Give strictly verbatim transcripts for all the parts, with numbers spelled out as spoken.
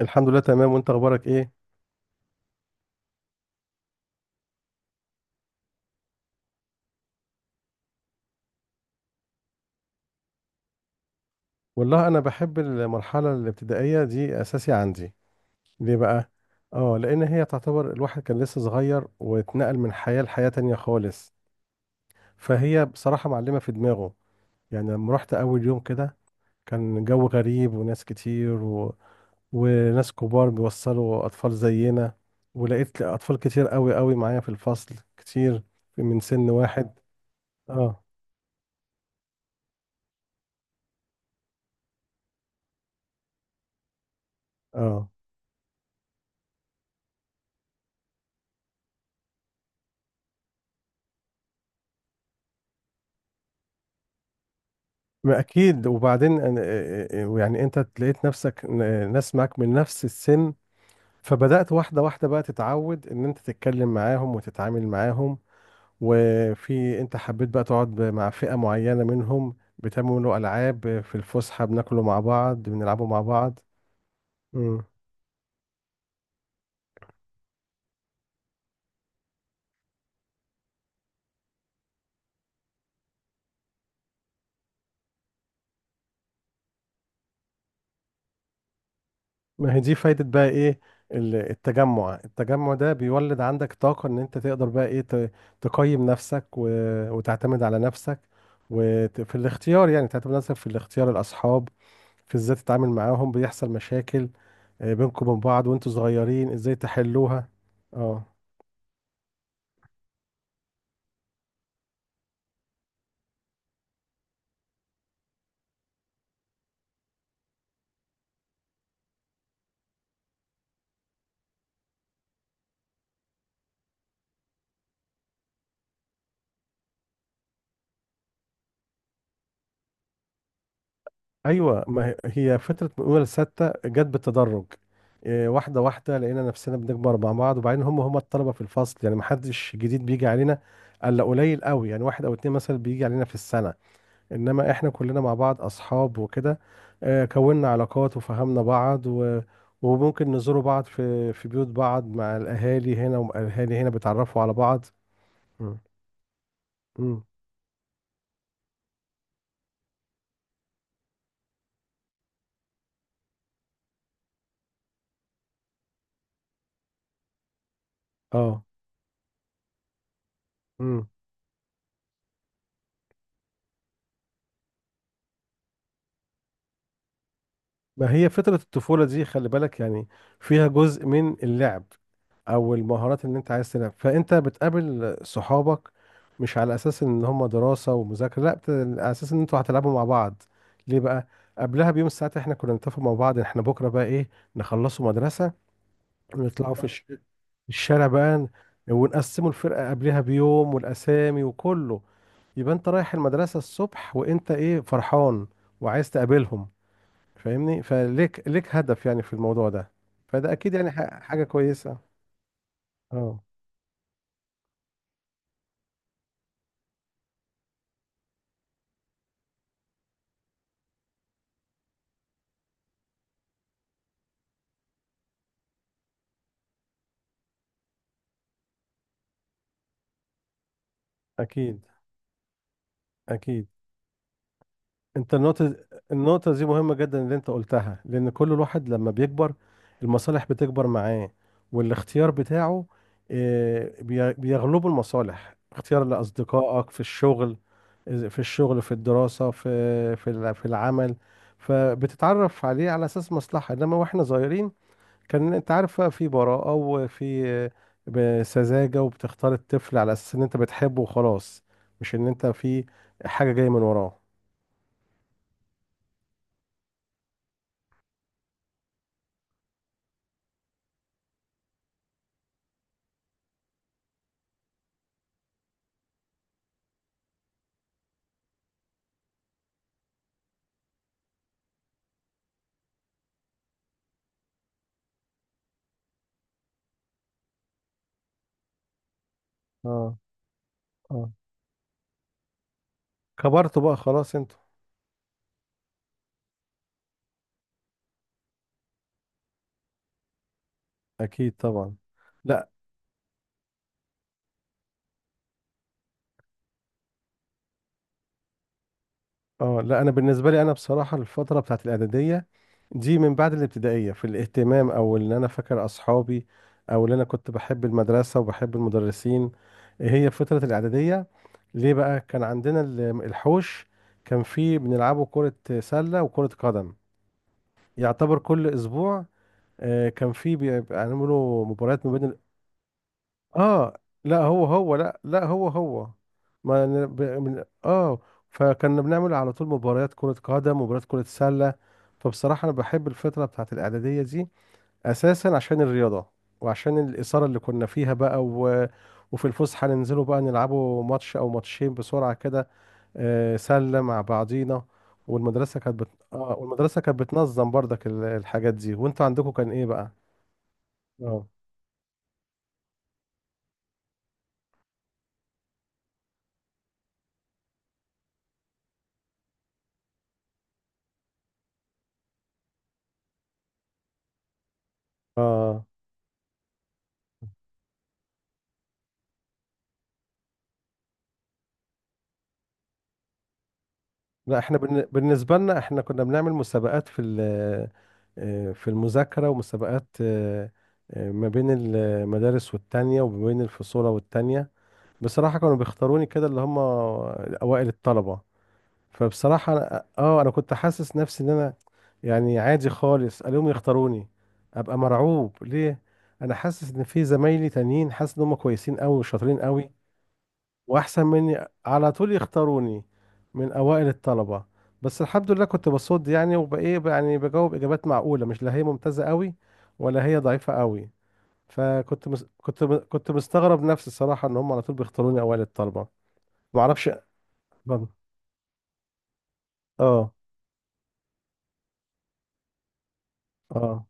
الحمد لله تمام، وانت اخبارك ايه؟ والله انا بحب المرحله الابتدائيه دي اساسي عندي. ليه بقى؟ اه، لان هي تعتبر الواحد كان لسه صغير واتنقل من حياه لحياه تانية خالص، فهي بصراحه معلمه في دماغه. يعني لما رحت اول يوم كده كان جو غريب وناس كتير و... وناس كبار بيوصلوا اطفال زينا، ولقيت اطفال كتير قوي قوي معايا في الفصل كتير، من سن واحد. اه. اه. ما اكيد. وبعدين أنا- يعني انت لقيت نفسك ن- ناس معاك من نفس السن، فبدأت واحدة واحدة بقى تتعود ان انت تتكلم معاهم وتتعامل معاهم، وفي انت حبيت بقى تقعد مع فئة معينة منهم، بتعملوا العاب في الفسحة، بناكلوا مع بعض، بنلعبوا مع بعض. إمم. ما هي دي فايدة بقى ايه؟ ال- التجمع التجمع ده بيولد عندك طاقة ان انت تقدر بقى ايه ت- تقيم نفسك و... وتعتمد على نفسك، وفي الاختيار، يعني تعتمد على نفسك في الاختيار الأصحاب، في ازاي تتعامل معاهم، بيحصل مشاكل آه، بينكم وبين بعض وانتوا صغيرين ازاي تحلوها. اه ايوه، ما هي هي فتره من اولى لسته جت بالتدرج. إيه، واحده واحده لقينا نفسنا بنكبر مع بعض، وبعدين هم هم الطلبه في الفصل، يعني ما حدش جديد بيجي علينا الا قليل قوي، يعني واحد او اتنين مثلا بيجي علينا في السنه، انما احنا كلنا مع بعض اصحاب وكده، آه، كوننا علاقات وفهمنا بعض و وممكن نزوروا بعض في في بيوت بعض، مع الاهالي، هنا والاهالي هنا بيتعرفوا على بعض. مم. مم. اه. مم. ما هي فتره الطفوله دي خلي بالك، يعني فيها جزء من اللعب او المهارات اللي انت عايز تلعب، فانت بتقابل صحابك مش على اساس ان هم دراسة ومذاكرة، لا بت... على اساس ان انتوا هتلعبوا مع بعض. ليه بقى؟ قبلها بيوم الساعات احنا كنا نتفق مع بعض، احنا بكرة بقى ايه، نخلصوا مدرسة ونطلعوا في الش... الشارع بقى، ونقسموا الفرقة قبلها بيوم والاسامي وكله، يبقى انت رايح المدرسة الصبح وانت ايه فرحان وعايز تقابلهم، فاهمني فليك ليك هدف يعني في الموضوع ده، فده اكيد يعني ح- حاجة كويسة. اه اكيد، اكيد. انت النقطه، النقطه دي مهمه جدا اللي انت قلتها، لان كل الواحد لما بيكبر المصالح بتكبر معاه، والاختيار بتاعه، آه، بي- بيغلبه المصالح، اختيار لاصدقائك في الشغل، في الشغل، في الدراسه، في في الع- في العمل، فبتتعرف عليه على اساس مصلحه، انما واحنا صغيرين كان انت عارف بقى في براءه وفي آه، ب- سذاجه، وبتختار الطفل على اساس ان انت بتحبه وخلاص، مش ان انت في حاجه جايه من وراه. اه. اه. كبرتوا بقى خلاص انتوا. اكيد طبعا. لا. اه لا، انا بالنسبه لي انا بصراحه الفتره بتاعت الاعداديه دي من بعد الابتدائيه في الاهتمام، او ان انا فاكر اصحابي، او ان انا كنت بحب المدرسه وبحب المدرسين، هي فتره الاعداديه. ليه بقى؟ كان عندنا ال- الحوش، كان فيه بنلعبوا كره سله وكره قدم، يعتبر كل اسبوع آه، كان فيه بيعملوا مباريات ما بين. اه لا هو هو، لا لا هو هو، ما ن- ب- من اه فكنا بنعمل على طول مباريات كرة قدم ومباريات كرة سلة، فبصراحة انا بحب الفترة بتاعت الإعدادية دي اساسا عشان الرياضة، وعشان الإثارة اللي كنا فيها بقى و... وفي الفسحة ننزلوا بقى نلعبوا ماتش او ماتشين بسرعة كده، آه سلة مع بعضينا، والمدرسة كانت بت... اه والمدرسة كانت بتنظم برضك ال- الحاجات دي، وانتوا عندكم كان ايه بقى؟ اه. اه. لا احنا بالن- بالنسبة لنا احنا كنا بنعمل مسابقات في ال- آه، في المذاكرة، ومسابقات آه، آه، ما بين المدارس والتانية، وما بين الفصول والتانية، بصراحة كانوا بيختاروني كده، اللي هم أوائل الطلبة، فبصراحة أنا- اه انا كنت حاسس نفسي ان انا يعني عادي خالص، اليوم يختاروني ابقى مرعوب ليه، انا حاسس ان في زمايلي تانيين حاسس ان هم كويسين قوي وشاطرين قوي، واحسن مني، على طول يختاروني من اوائل الطلبه، بس الحمد لله كنت بصد يعني وبايه، يعني بجاوب اجابات معقوله، مش لا هي ممتازه قوي ولا هي ضعيفه قوي، فكنت مس... كنت م... كنت مستغرب نفسي الصراحه ان هم على طول بيختاروني اوائل الطلبه. ما اعرفش. اه. اه. اه.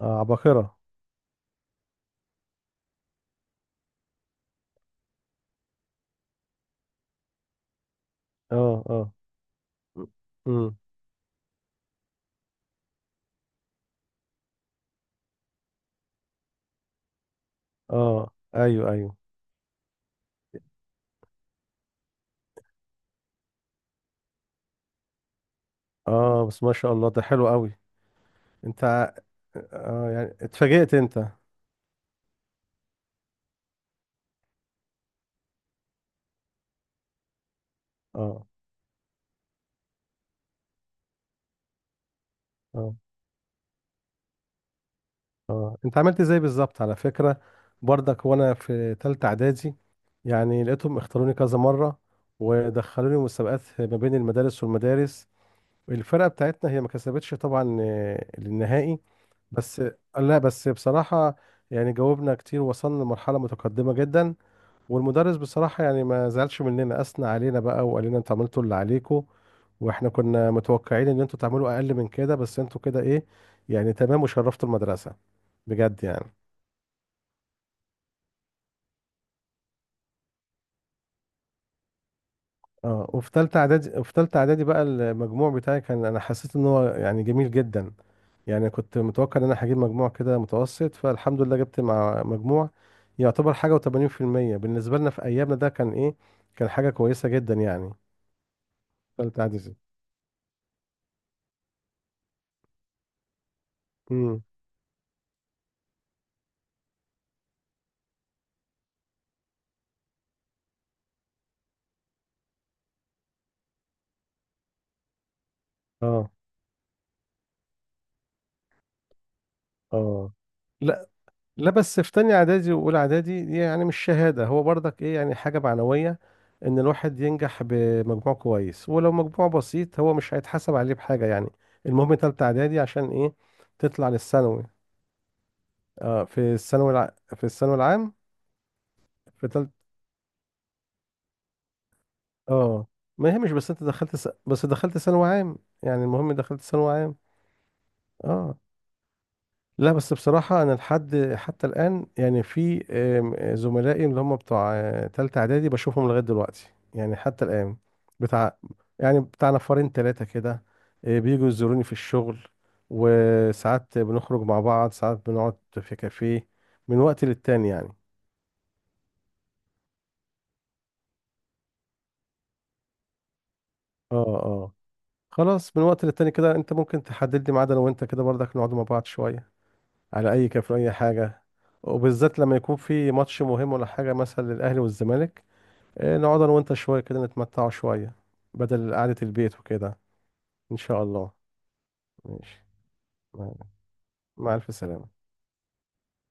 اه، عباقره. اه. اه. امم. اه ايوه، ايوه. اه بس ما شاء الله ده حلو قوي. انت ع- اه يعني اتفاجئت انت. اه. اه. اه، انت عملت ازاي بالظبط؟ على فكرة برضك وانا في تالتة اعدادي يعني لقيتهم اختاروني كذا مرة، ودخلوني مسابقات ما بين المدارس والمدارس، الفرقة بتاعتنا هي ما كسبتش طبعا آه، النهائي، بس، لا بس بصراحة يعني جاوبنا كتير، وصلنا لمرحلة متقدمة جدا، والمدرس بصراحة يعني ما زعلش مننا، أثنى علينا بقى وقال لنا انتوا عملتوا اللي عليكم، واحنا كنا متوقعين ان انتوا تعملوا اقل من كده، بس انتوا كده ايه يعني تمام، وشرفتوا المدرسة بجد يعني. اه وفي تالتة اعدادي، وفي تالتة اعدادي بقى المجموع بتاعي كان انا حسيت ان هو يعني جميل جدا، يعني كنت متوقع ان انا هجيب مجموع كده متوسط، فالحمد لله جبت مع مجموع يعتبر حاجة و80%، بالنسبة لنا في ايامنا ده كان ايه، كان حاجة كويسة جدا يعني، تالتة اعدادي. امم. اه. اه لا، بس في تانية اعدادي واولى اعدادي دي يعني مش شهادة، هو برضك ايه يعني حاجة معنوية ان الواحد ينجح بمجموع كويس، ولو مجموع بسيط هو مش هيتحسب عليه بحاجة يعني، المهم تالتة اعدادي عشان ايه، تطلع للثانوي. اه في الثانوي الع... في الثانوي العام. في تالت اه ما هي مش بس انت دخلت س... بس دخلت ثانوي عام، يعني المهم دخلت ثانوي عام. اه لا بس بصراحة أنا لحد حتى الآن يعني في آم، زملائي اللي هم بتوع آه، تالتة إعدادي بشوفهم لغاية دلوقتي يعني حتى الآن، بتاع، يعني بتاع نفرين تلاتة كده، آه، بيجوا يزوروني في الشغل، وساعات بنخرج مع بعض، ساعات بنقعد في كافيه، من وقت للتاني يعني. اه. اه. خلاص، من وقت للتاني كده انت ممكن تحدد لي ميعاد، انا وانت كده برضك نقعد مع بعض شوية، على اي كافيه اي حاجة، وبالذات لما يكون في ماتش مهم ولا حاجة مثلا للأهلي والزمالك. إيه، نقعد انا وانت شويه كده نتمتعوا شويه بدل قعده البيت وكده. ان شاء الله. ماشي. مع مع الف سلامه.